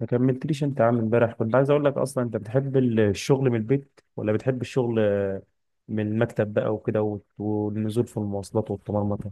ما كملتليش انت يا عم. امبارح كنت عايز اقول لك، اصلا انت بتحب الشغل من البيت، ولا بتحب الشغل، من المكتب بقى وكده، والنزول في المواصلات والطمرمطه.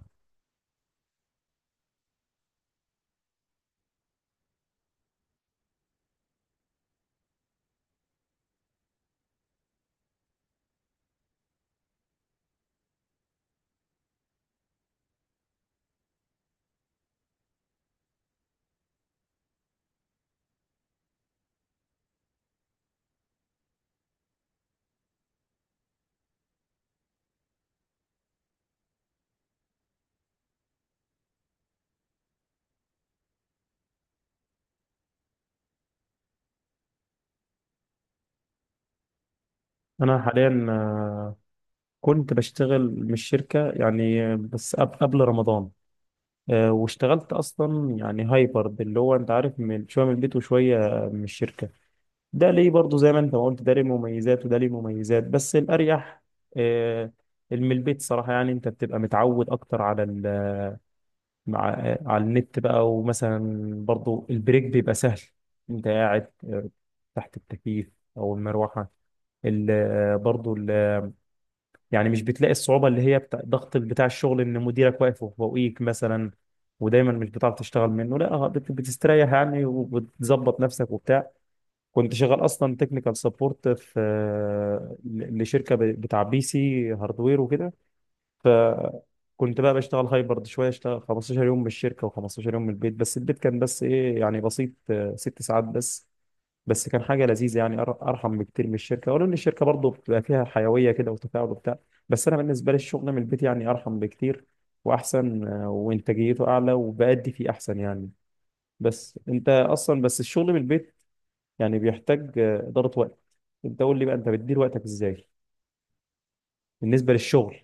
انا حاليا، كنت بشتغل من الشركه يعني، آه، بس قبل رمضان، واشتغلت اصلا يعني هايبرد، اللي هو انت عارف، من شويه من البيت وشويه من الشركه. ده ليه برضه زي ما انت ما قلت، ده ليه مميزات وده ليه مميزات، بس الاريح، آه، اللي من البيت صراحه. يعني انت بتبقى متعود اكتر على ال مع على النت بقى. ومثلا برضو البريك بيبقى سهل، انت قاعد، آه، تحت التكييف او المروحه، ال- آه، برضو ال- آه، يعني مش بتلاقي الصعوبه اللي هي بتاع ضغط بتاع الشغل ان مديرك واقف فوقيك مثلا، ودايما مش بتعرف تشتغل منه. لا، بتستريح يعني، وبتظبط نفسك وبتاع. كنت شغال اصلا تكنيكال سبورت في، آه، لشركه بتاع بي سي هاردوير وكده. فكنت بقى بشتغل هايبرد، شويه اشتغل 15 يوم من الشركه و15 يوم من البيت. بس البيت كان بس ايه، يعني بسيط، آه، 6 ساعات بس. بس كان حاجه لذيذه يعني، ارحم بكتير من الشركه، ولو ان الشركه برضه بتبقى فيها حيويه كده وتفاعل وبتاع. بس انا بالنسبه لي الشغل من البيت يعني ارحم بكتير واحسن، آه، وانتاجيته اعلى، وبأدي فيه احسن يعني. بس انت اصلا، بس الشغل من البيت يعني بيحتاج، آه، اداره وقت. انت قول لي بقى، انت بتدير وقتك ازاي بالنسبه للشغل؟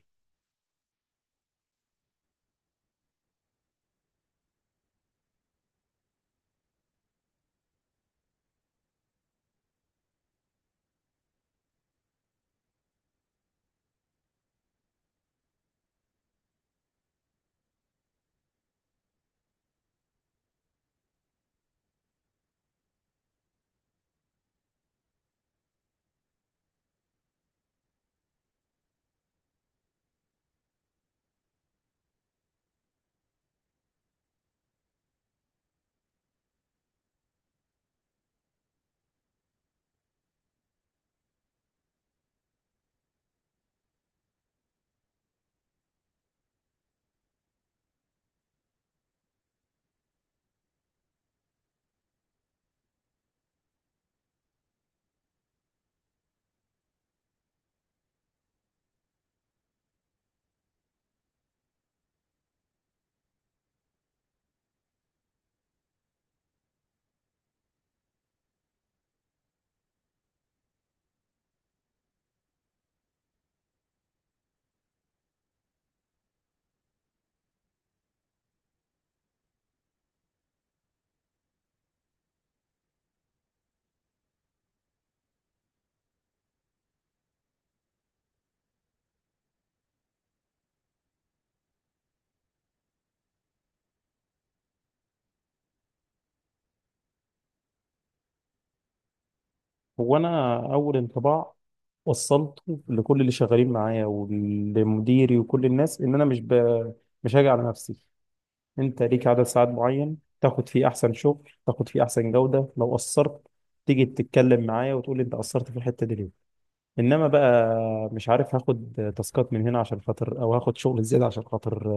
هو انا اول انطباع وصلته لكل اللي شغالين معايا ولمديري وكل الناس، ان انا مش هاجي على نفسي. انت ليك عدد ساعات معين تاخد فيه احسن شغل، تاخد فيه احسن جودة. لو قصرت، تيجي تتكلم معايا وتقول لي انت قصرت في الحتة دي ليه. انما بقى مش عارف هاخد تاسكات من هنا عشان خاطر، او هاخد شغل زيادة عشان خاطر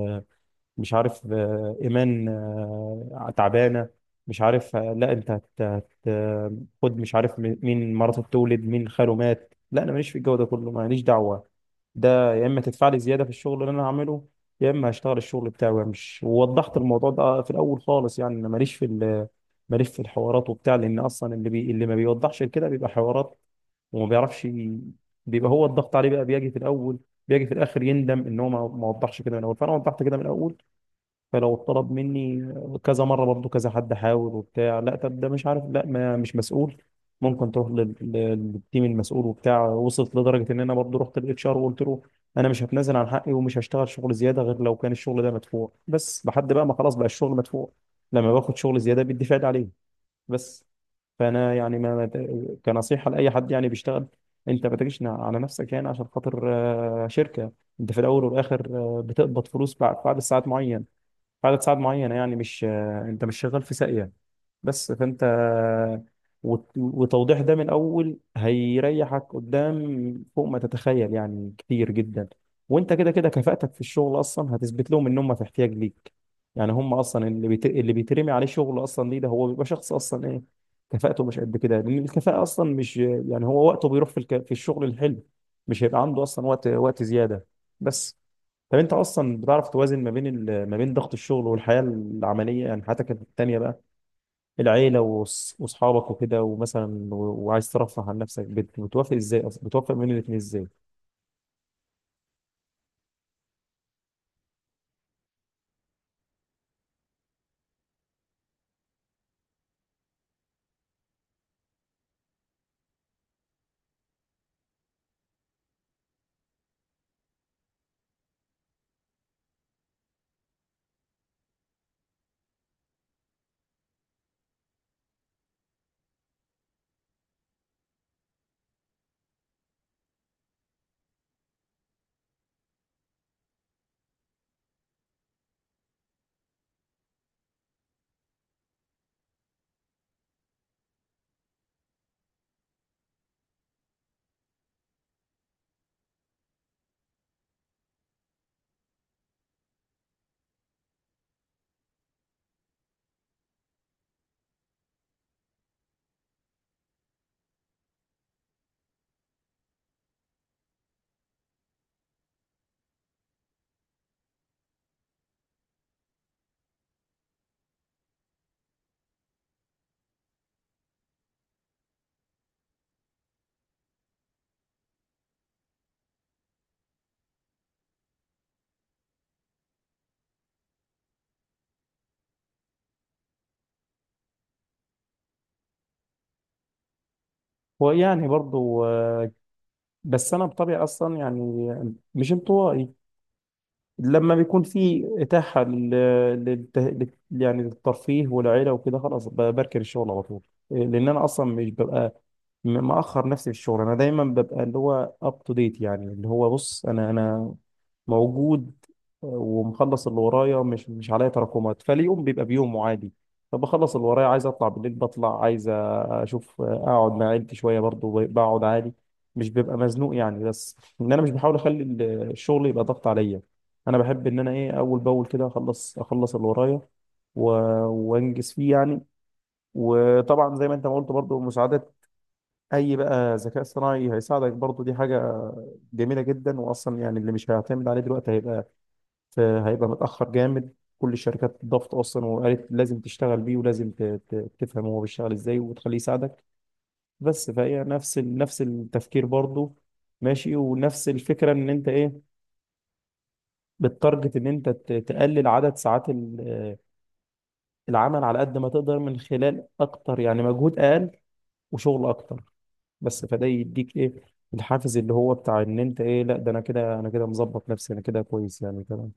مش عارف، آه، ايمان آه، تعبانه، مش عارف، آه، لا انت خد مش عارف، مين مراته بتولد، مين خاله مات، لا انا ماليش في الجو ده كله، ماليش دعوه. ده يا اما تدفع لي زياده في الشغل اللي انا هعمله، يا اما هشتغل الشغل بتاعي وامشي. ووضحت الموضوع ده في الاول خالص، يعني انا ماليش في ماليش في الحوارات وبتاع، لان اصلا اللي ما بيوضحش كده بيبقى حوارات، وما بيعرفش بيبقى هو الضغط عليه بقى، بيجي في الاول، بيجي في الاخر يندم ان هو ما وضحش كده من الاول. فانا وضحت كده من الاول، فلو طلب مني كذا مره برضو كذا حد حاول وبتاع، لا طب ده مش عارف، لا ما، مش مسؤول، ممكن تروح للتيم المسؤول وبتاع. وصلت لدرجه ان انا برضو رحت للاتش ار وقلت له، انا مش هتنازل عن حقي، ومش هشتغل شغل زياده غير لو كان الشغل ده مدفوع. بس لحد بقى ما خلاص بقى الشغل مدفوع، لما باخد شغل زياده بيدي فايد عليه، بس. فانا يعني، كنصيحه لاي حد يعني بيشتغل، انت ما تجيش على نفسك يعني عشان خاطر، آه، شركه. انت في الاول والاخر، آه، بتقبض فلوس بعد ساعات معينه، عدد ساعات معينة، يعني مش، انت مش شغال في ساقية. بس فانت، وتوضيح ده من الاول هيريحك قدام فوق ما تتخيل يعني، كتير جدا. وانت كده كده كفاءتك في الشغل اصلا هتثبت لهم ان هم في احتياج ليك. يعني هم اصلا اللي بيترمي عليه شغل اصلا ليه؟ ده هو بيبقى شخص اصلا ايه، كفاءته مش قد كده، لان الكفاءة اصلا مش، يعني هو وقته بيروح في في الشغل الحلو، مش هيبقى عنده اصلا وقت زيادة، بس. طب انت اصلا بتعرف توازن ما بين ما بين ضغط الشغل والحياه العمليه، يعني حياتك التانيه بقى، العيله واصحابك وكده ومثلا، وعايز ترفه عن نفسك، بتوافق ازاي اصلا، بتوافق بين الاثنين ازاي؟ هو يعني برضو، آه، بس انا بطبيعي اصلا يعني مش انطوائي. لما بيكون في اتاحه للت... لل... يعني للترفيه والعيله وكده، خلاص، بركن الشغل على طول. لان انا اصلا مش ببقى، مأخر نفسي في الشغل. انا دايما ببقى اللي هو اب تو ديت، يعني اللي هو بص انا، موجود ومخلص اللي ورايا، مش عليا تراكمات، فاليوم بيبقى بيومه عادي. فبخلص اللي ورايا، عايز اطلع بالليل بطلع، عايز اشوف اقعد مع عيلتي شويه برضو بقعد عادي، مش ببقى مزنوق يعني. بس ان انا مش بحاول اخلي الشغل يبقى ضغط عليا. انا بحب ان انا ايه، اول باول كده، اخلص اللي ورايا، و- وانجز فيه يعني. وطبعا زي ما انت ما قلت، برضو مساعدة اي بقى ذكاء اصطناعي هيساعدك، برضو دي حاجة جميلة جدا. واصلا يعني اللي مش هيعتمد عليه دلوقتي هيبقى، فهيبقى متأخر جامد. كل الشركات ضغط أصلا، وقالت لازم تشتغل بيه، ولازم تفهم هو بيشتغل إزاي وتخليه يساعدك. بس فهي نفس نفس التفكير برضه، ماشي، ونفس الفكرة إن أنت إيه، بتتارجت إن أنت تقلل عدد ساعات آه، العمل، على قد ما تقدر، من خلال أكتر يعني مجهود أقل وشغل أكتر. بس فده يديك إيه، الحافز اللي هو بتاع إن أنت إيه، لا ده أنا كده، أنا كده مظبط نفسي، أنا كده كويس يعني كده.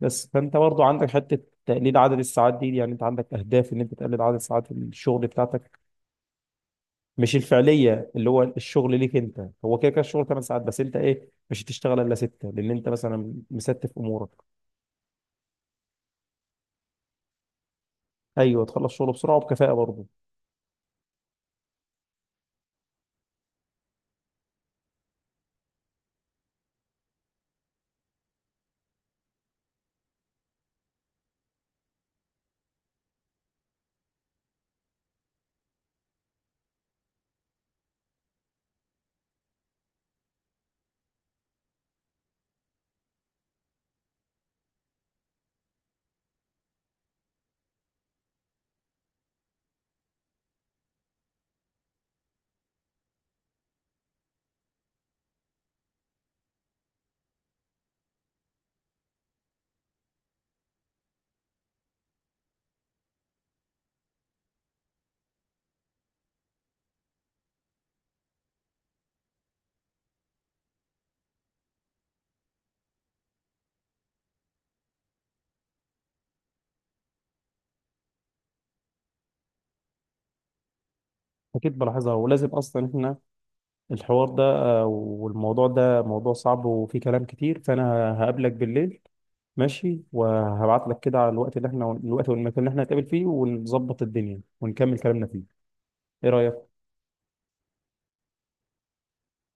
بس فانت برضو عندك حته تقليل عدد الساعات دي، يعني انت عندك اهداف ان انت تقلل عدد ساعات الشغل بتاعتك مش الفعليه، اللي هو الشغل ليك انت هو كده كده الشغل 8 ساعات، بس انت ايه مش هتشتغل الا 6 لان انت مثلا مستف امورك. ايوه، تخلص شغل بسرعه وبكفاءه برضه. اكيد بلاحظها، ولازم اصلا احنا، الحوار ده، آه، والموضوع ده موضوع صعب وفيه كلام كتير، فانا هقابلك بالليل، ماشي، وهبعت لك كده على الوقت اللي احنا، الوقت والمكان اللي احنا هنتقابل فيه، ونظبط الدنيا ونكمل كلامنا فيه. ايه رايك؟